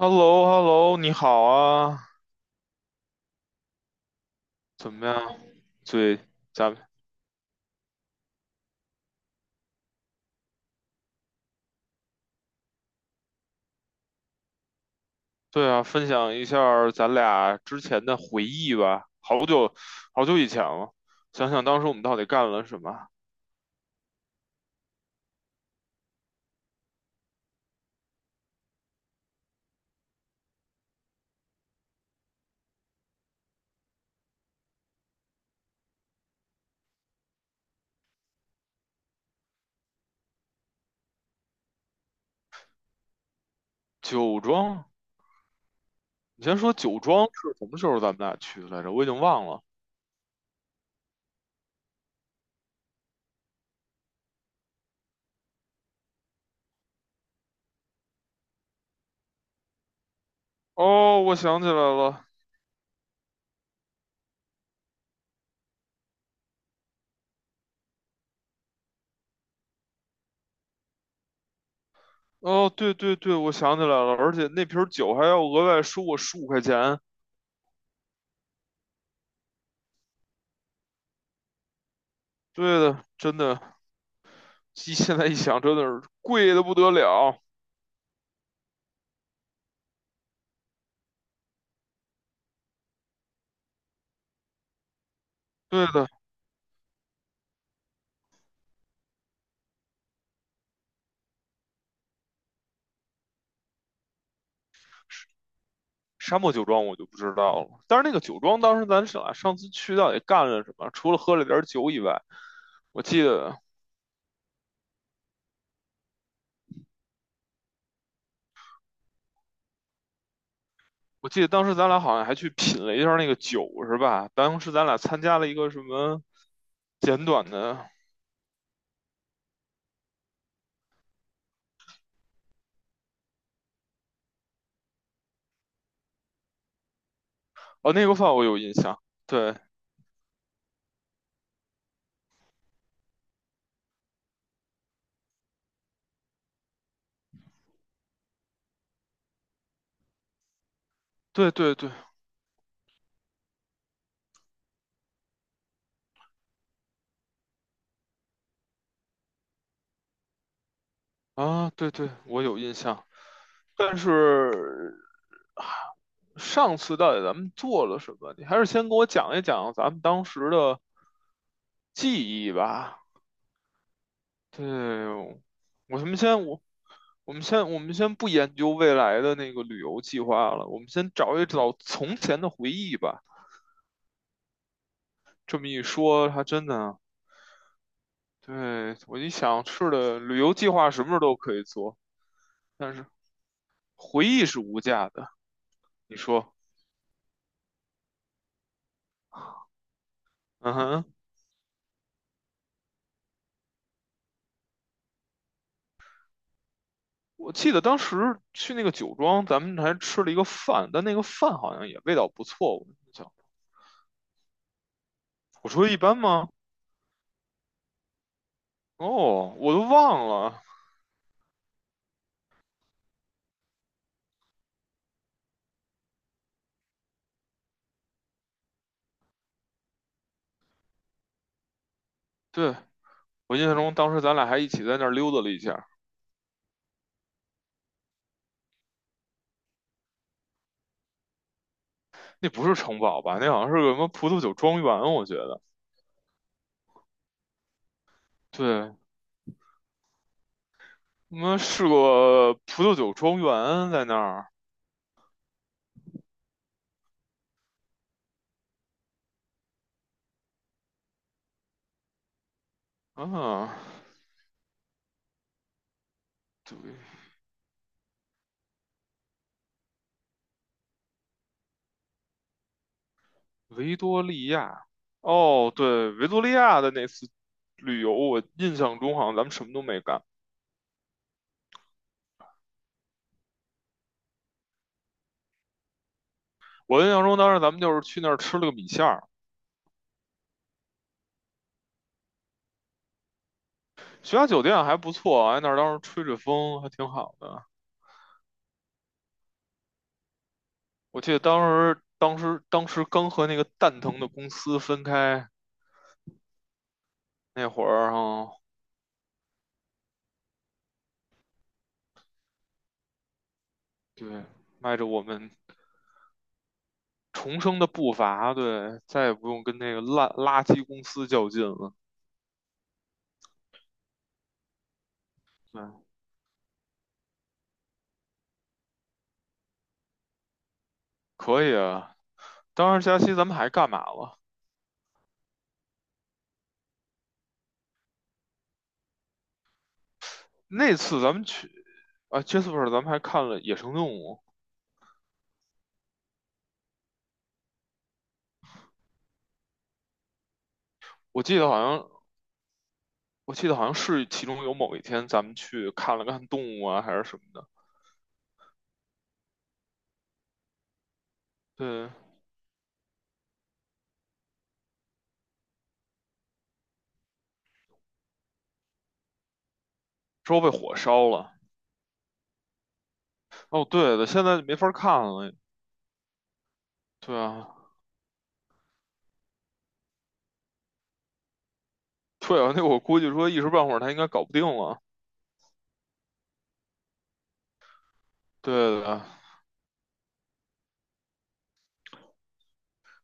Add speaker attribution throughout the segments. Speaker 1: h e l l o hello 你好啊，怎么样？对，咱们对啊，分享一下儿咱俩之前的回忆吧。好久以前了，想想当时我们到底干了什么？酒庄，你先说酒庄是什么时候咱们俩去来着？我已经忘了。哦，我想起来了。哦，对对对，我想起来了，而且那瓶儿酒还要额外收我15块钱。对的，真的，一现在一想，真的是贵的不得了。对的，沙漠酒庄我就不知道了，但是那个酒庄当时咱俩上次去到底干了什么？除了喝了点酒以外，我记得我记得当时咱俩好像还去品了一下那个酒，是吧？当时咱俩参加了一个什么简短的，哦，那个饭我有印象，对对对对啊，对对，我有印象。但是啊上次到底咱们做了什么？你还是先给我讲一讲咱们当时的记忆吧。对，我什么先我。我们先不研究未来的那个旅游计划了，我们先找一找从前的回忆吧。这么一说，还真的啊，对，我一想，是的，旅游计划什么时候都可以做，但是回忆是无价的。你说，嗯哼，我记得当时去那个酒庄，咱们还吃了一个饭，但那个饭好像也味道不错。我印象，我说一般吗？哦，我都忘了。对，我印象中当时咱俩还一起在那儿溜达了一下。那不是城堡吧？那好像是个什么葡萄酒庄园，我觉得。对，我们是个葡萄酒庄园在那儿。啊，对，维多利亚。哦，对，维多利亚的那次旅游，我印象中好像咱们什么都没干。我印象中当时咱们就是去那儿吃了个米线儿，学校酒店还不错，哎，那儿当时吹着风还挺好的。我记得当时刚和那个蛋疼的公司分开那会儿哈、对，迈着我们重生的步伐，对，再也不用跟那个烂垃圾公司较劲了。对，可以啊。当时假期咱们还干嘛了？那次咱们去啊，Jasper，咱们还看了野生动物。我记得好像，我记得好像是其中有某一天咱们去看了看动物啊，还是什么的。对，之后被火烧了。哦，对的，现在没法看了。对啊，对啊，那我估计说一时半会儿他应该搞不定了。对的，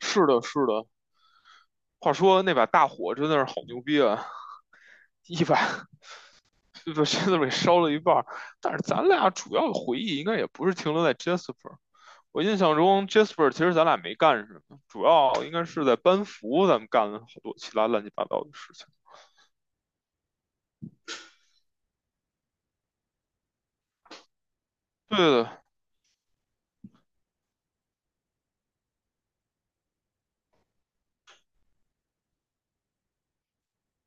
Speaker 1: 是的，是的。话说那把大火真的是好牛逼啊！100就吧 Cler 烧了一半但是咱俩主要的回忆应该也不是停留在 Jasper。我印象中，Jasper 其实咱俩没干什么，主要应该是在班服，咱们干了好多其他乱七八糟的事情。对的，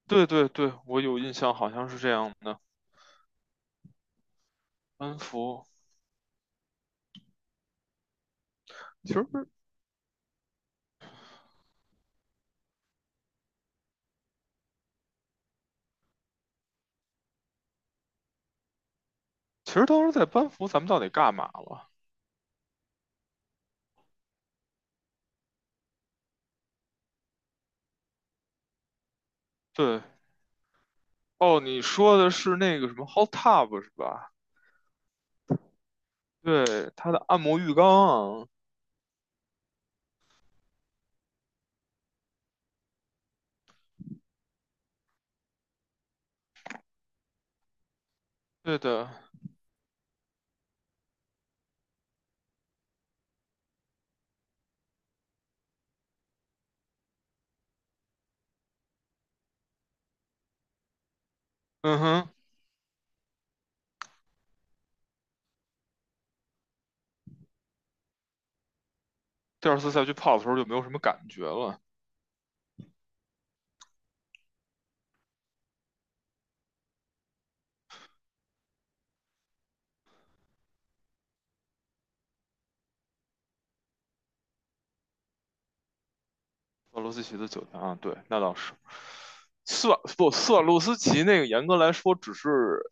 Speaker 1: 对对对，我有印象，好像是这样的。班服，其实其实当时在班服，咱们到底干嘛了？对，哦，你说的是那个什么 hot tub 是吧？对，他的按摩浴缸啊。对的，嗯哼，第二次再去泡的时候就没有什么感觉了。斯瓦洛斯奇的酒店啊，对，那倒是。斯瓦不，斯瓦洛斯奇那个严格来说只是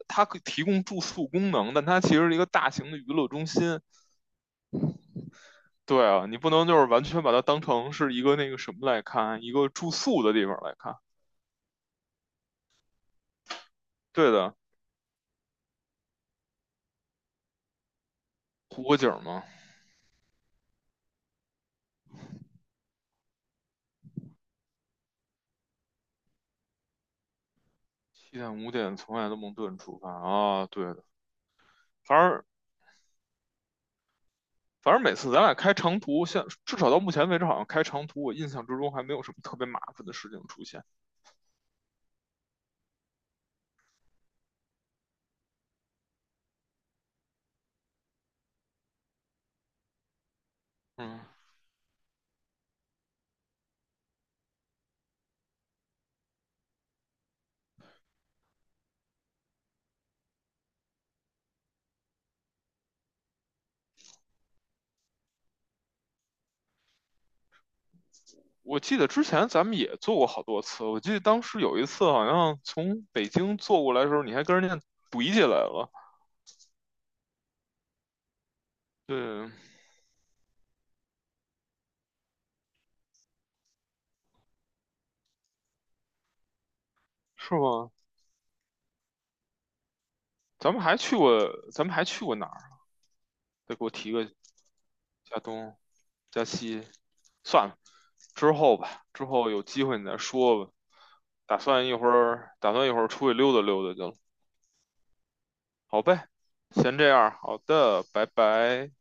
Speaker 1: 它可以提供住宿功能，但它其实是一个大型的娱乐中心。对啊，你不能就是完全把它当成是一个那个什么来看，一个住宿的地方来看。对的，湖泊景嘛，七点五点从埃德蒙顿出发啊，对的，反正反正每次咱俩开长途，现至少到目前为止好像开长途，我印象之中还没有什么特别麻烦的事情出现。嗯，我记得之前咱们也做过好多次，我记得当时有一次好像从北京坐过来的时候，你还跟人家怼起来了，对，是吗？咱们还去过，咱们还去过哪儿？再给我提个加东、加西，算了，之后吧，之后有机会你再说吧。打算一会儿出去溜达溜达去了。好呗，先这样，好的，拜拜。